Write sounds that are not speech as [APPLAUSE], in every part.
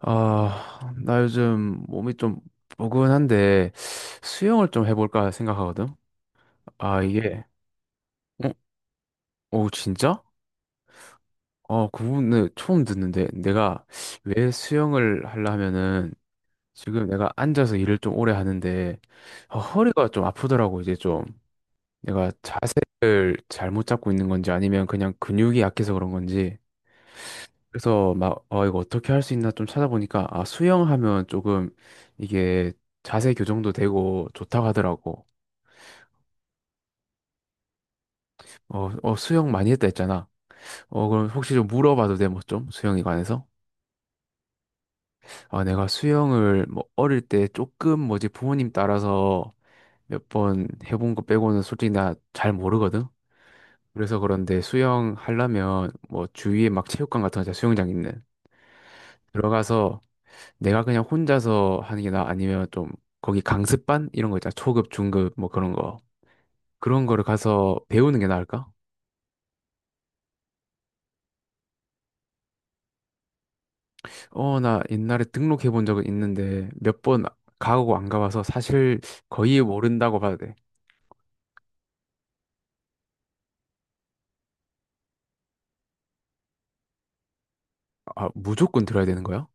아, 나 요즘 몸이 좀 포근한데 수영을 좀 해볼까 생각하거든. 아, 이게, 어? 오, 진짜? 어, 그분은 처음 듣는데 내가 왜 수영을 하려면은 지금 내가 앉아서 일을 좀 오래 하는데 허리가 좀 아프더라고. 이제 좀 내가 자세를 잘못 잡고 있는 건지 아니면 그냥 근육이 약해서 그런 건지. 그래서 막, 이거 어떻게 할 수 있나 좀 찾아보니까, 아, 수영하면 조금 이게 자세 교정도 되고 좋다고 하더라고. 어, 어, 수영 많이 했다 했잖아. 어, 그럼 혹시 좀 물어봐도 돼, 뭐 좀? 수영에 관해서? 아, 내가 수영을 뭐 어릴 때 조금 뭐지 부모님 따라서 몇 번 해본 거 빼고는 솔직히 나 잘 모르거든? 그래서 그런데 수영 하려면 뭐 주위에 막 체육관 같은 거 있잖아, 수영장 있는. 들어가서 내가 그냥 혼자서 하는 게 나 아니면 좀 거기 강습반 이런 거 있잖아. 초급, 중급 뭐 그런 거. 그런 거를 가서 배우는 게 나을까? 어, 나 옛날에 등록해 본 적은 있는데 몇 번 가고 안 가봐서 사실 거의 모른다고 봐도 돼. 아, 무조건 들어야 되는 거야?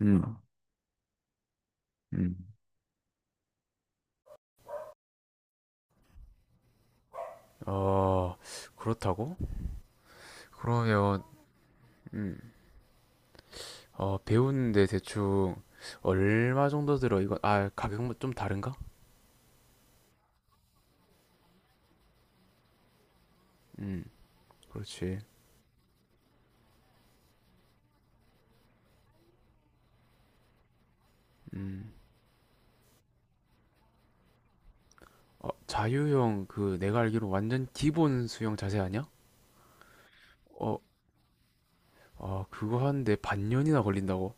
음, 음. 어, 그렇다고? 그러면, 음, 배우는데 대충 얼마 정도 들어? 이건, 아, 가격은 좀 다른가? 음, 그렇지. 음. 어, 자유형 그 내가 알기로 완전 기본 수영 자세 아니야? 어, 아, 그거 하는데 반년이나 걸린다고?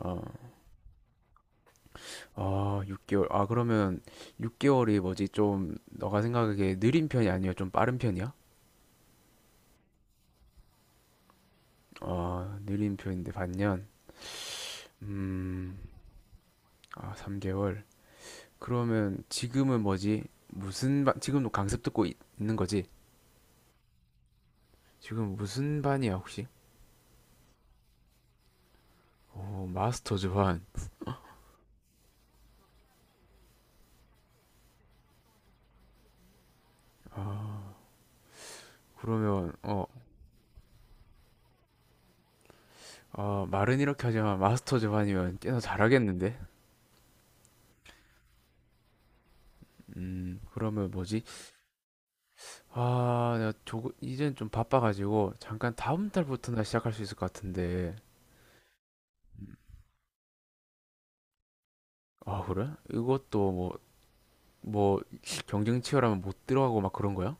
아, 아, 6개월. 아, 그러면 6개월이 뭐지? 좀 너가 생각하기에 느린 편이 아니야? 좀 빠른 편이야? 아, 느린 편인데 반년. 음, 아, 3개월. 그러면 지금은 뭐지? 무슨 반, 지금도 강습 듣고 있, 는 거지? 지금 무슨 반이야, 혹시? 어, 마스터즈 반. 그러면 어, 어, 말은 이렇게 하지만 마스터 즈반이면 꽤나 잘하겠는데? 그러면 뭐지? 아, 내가 조금, 이젠 좀 바빠가지고, 잠깐 다음 달부터나 시작할 수 있을 것 같은데. 아, 그래? 이것도 뭐, 뭐, 경쟁 치열하면 못 들어가고 막 그런 거야?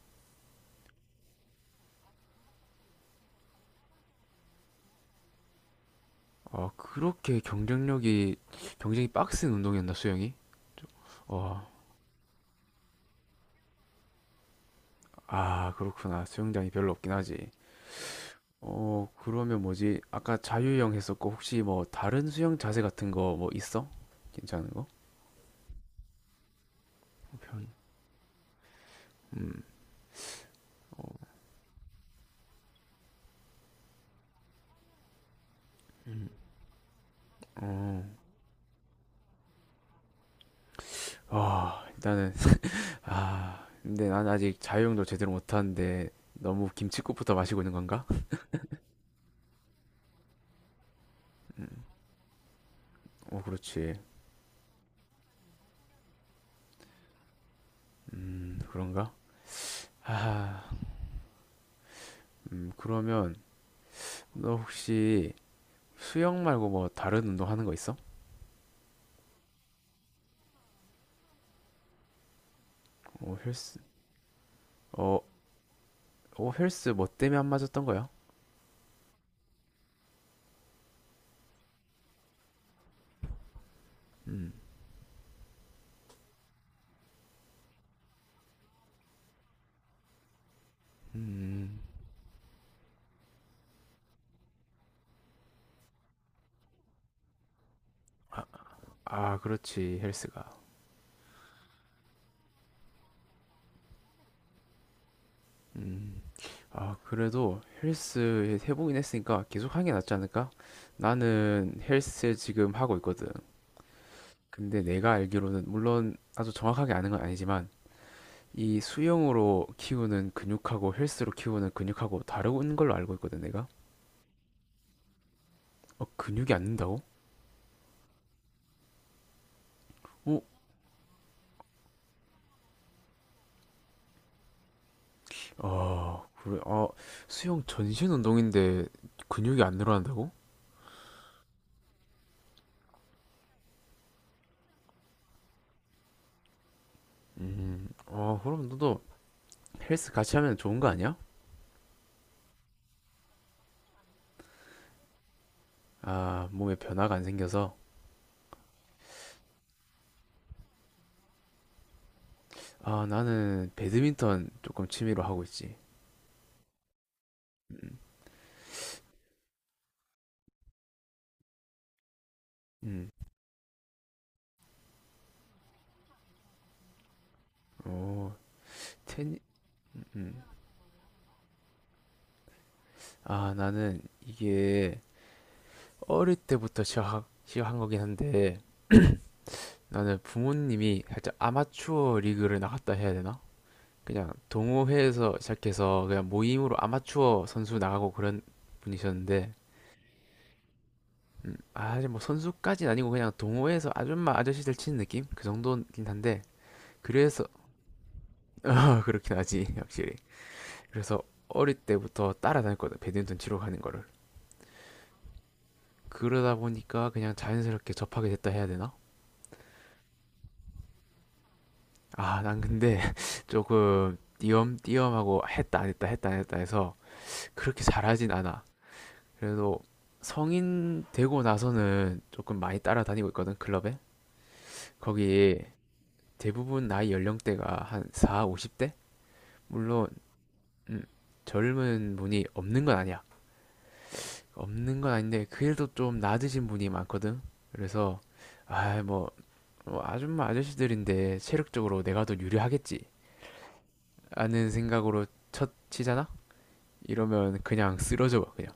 아, 그렇게 경쟁이 빡센 운동이었나, 수영이? 저- 어, 아, 그렇구나. 수영장이 별로 없긴 하지. 어, 그러면 뭐지? 아까 자유형 했었고, 혹시 뭐, 다른 수영 자세 같은 거 뭐 있어? 괜찮은 거? 편. 음. 어. 음. 어. 아, 일단은 아, 근데 난 아직 자유형도 제대로 못 하는데 너무 김칫국부터 마시고 있는 건가? 어, 그렇지. 그런가? 아, 그러면 너 혹시 수영 말고 뭐 다른 운동 하는 거 있어? 어, 헬스. 어, 어, 헬스 뭐 때문에 안 맞았던 거야? 음. 음. 아, 그렇지. 헬스가. 음. 아, 그래도 헬스 해보긴 했으니까 계속 하는 게 낫지 않을까? 나는 헬스 지금 하고 있거든. 근데 내가 알기로는 물론 아주 정확하게 아는 건 아니지만 이 수영으로 키우는 근육하고 헬스로 키우는 근육하고 다른 걸로 알고 있거든, 내가. 어, 근육이 안 는다고? 어? 아, 그래. 아, 수영 전신 운동인데 근육이 안 늘어난다고? 아, 그럼 너도 헬스 같이 하면 좋은 거 아니야? 아, 몸에 변화가 안 생겨서. 아, 나는 배드민턴 조금 취미로 하고 있지. 음, 음. 오, 테니, 음. 아, 나는 이게 어릴 때부터 시작한 거긴 한데, [CLEARS THROAT] 나는 부모님이 살짝 아마추어 리그를 나갔다 해야 되나? 그냥 동호회에서 시작해서 그냥 모임으로 아마추어 선수 나가고 그런 분이셨는데, 아, 사실 뭐 선수까지는 아니고 그냥 동호회에서 아줌마 아저씨들 치는 느낌? 그 정도긴 한데, 그래서, [LAUGHS] 어, 그렇긴 하지, 확실히. 그래서 어릴 때부터 따라다녔거든 배드민턴 치러 가는 거를 그러다 보니까 그냥 자연스럽게 접하게 됐다 해야 되나? 아 난 근데 [LAUGHS] 조금 띄엄띄엄하고 했다 안 했다 했다 안 했다 해서 그렇게 잘하진 않아 그래도 성인 되고 나서는 조금 많이 따라다니고 있거든 클럽에. 거기 대부분 나이 연령대가 한 4, 50대? 물론 음, 젊은 분이 없는 건 아니야. 없는 건 아닌데 그래도 좀 낮으신 분이 많거든. 그래서 아, 뭐, 아줌마 아저씨들인데 체력적으로 내가 더 유리하겠지 라는 생각으로 첫 치잖아? 이러면 그냥 쓰러져 봐 그냥.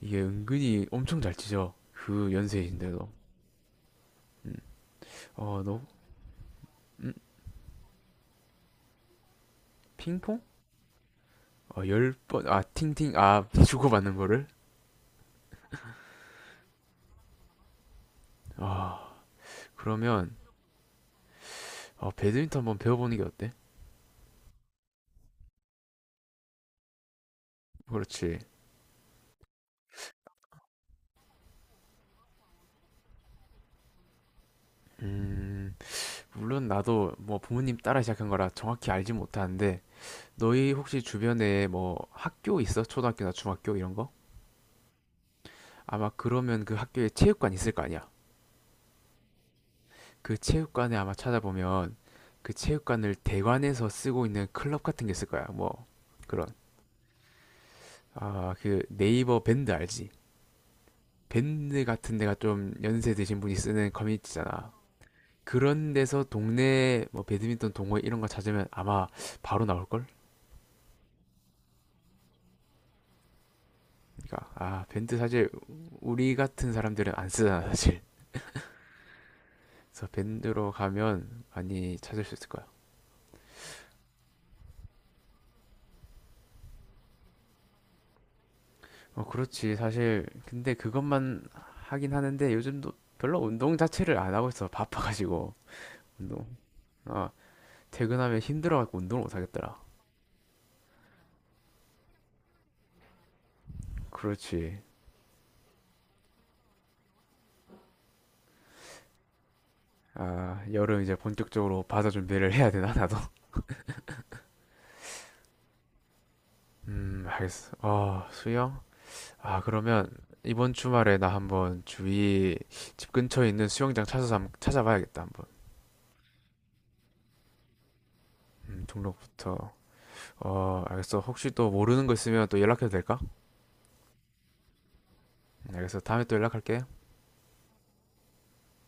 이게 은근히 엄청 잘 치죠 그 연세이신데도. 음. 어, 너? 음? 핑퐁? 어, 10번, 아, 팅팅, 아, [LAUGHS] 주고받는 거를? 아, 그러면, 배드민턴 한번 배워보는 게 어때? 그렇지. 음, 물론 나도 뭐 부모님 따라 시작한 거라 정확히 알지 못하는데, 너희 혹시 주변에 뭐 학교 있어? 초등학교나 중학교 이런 거? 아마 그러면 그 학교에 체육관 있을 거 아니야. 그 체육관에 아마 찾아보면 그 체육관을 대관해서 쓰고 있는 클럽 같은 게 있을 거야. 뭐 그런. 아, 그 네이버 밴드 알지? 밴드 같은 데가 좀 연세 드신 분이 쓰는 커뮤니티잖아. 그런 데서 동네 뭐 배드민턴 동호회 이런 거 찾으면 아마 바로 나올 걸? 그러니까 아, 밴드 사실 우리 같은 사람들은 안 쓰잖아, 사실. 그래서 밴드로 가면 많이 찾을 수 있을 거야. 어, 그렇지. 사실, 근데 그것만 하긴 하는데 요즘도 별로 운동 자체를 안 하고 있어. 바빠가지고. 운동. 아, 퇴근하면 힘들어갖고 운동을 못 하겠더라. 그렇지. 아, 여름 이제 본격적으로 바다 준비를 해야 되나, 나도? [LAUGHS] 알겠어. 아, 수영? 아, 그러면 이번 주말에 나 한번 주위 집 근처에 있는 수영장 찾아서 한번 찾아봐야겠다, 한번. 등록부터. 어, 알겠어. 혹시 또 모르는 거 있으면 또 연락해도 될까? 알겠어. 다음에 또 연락할게.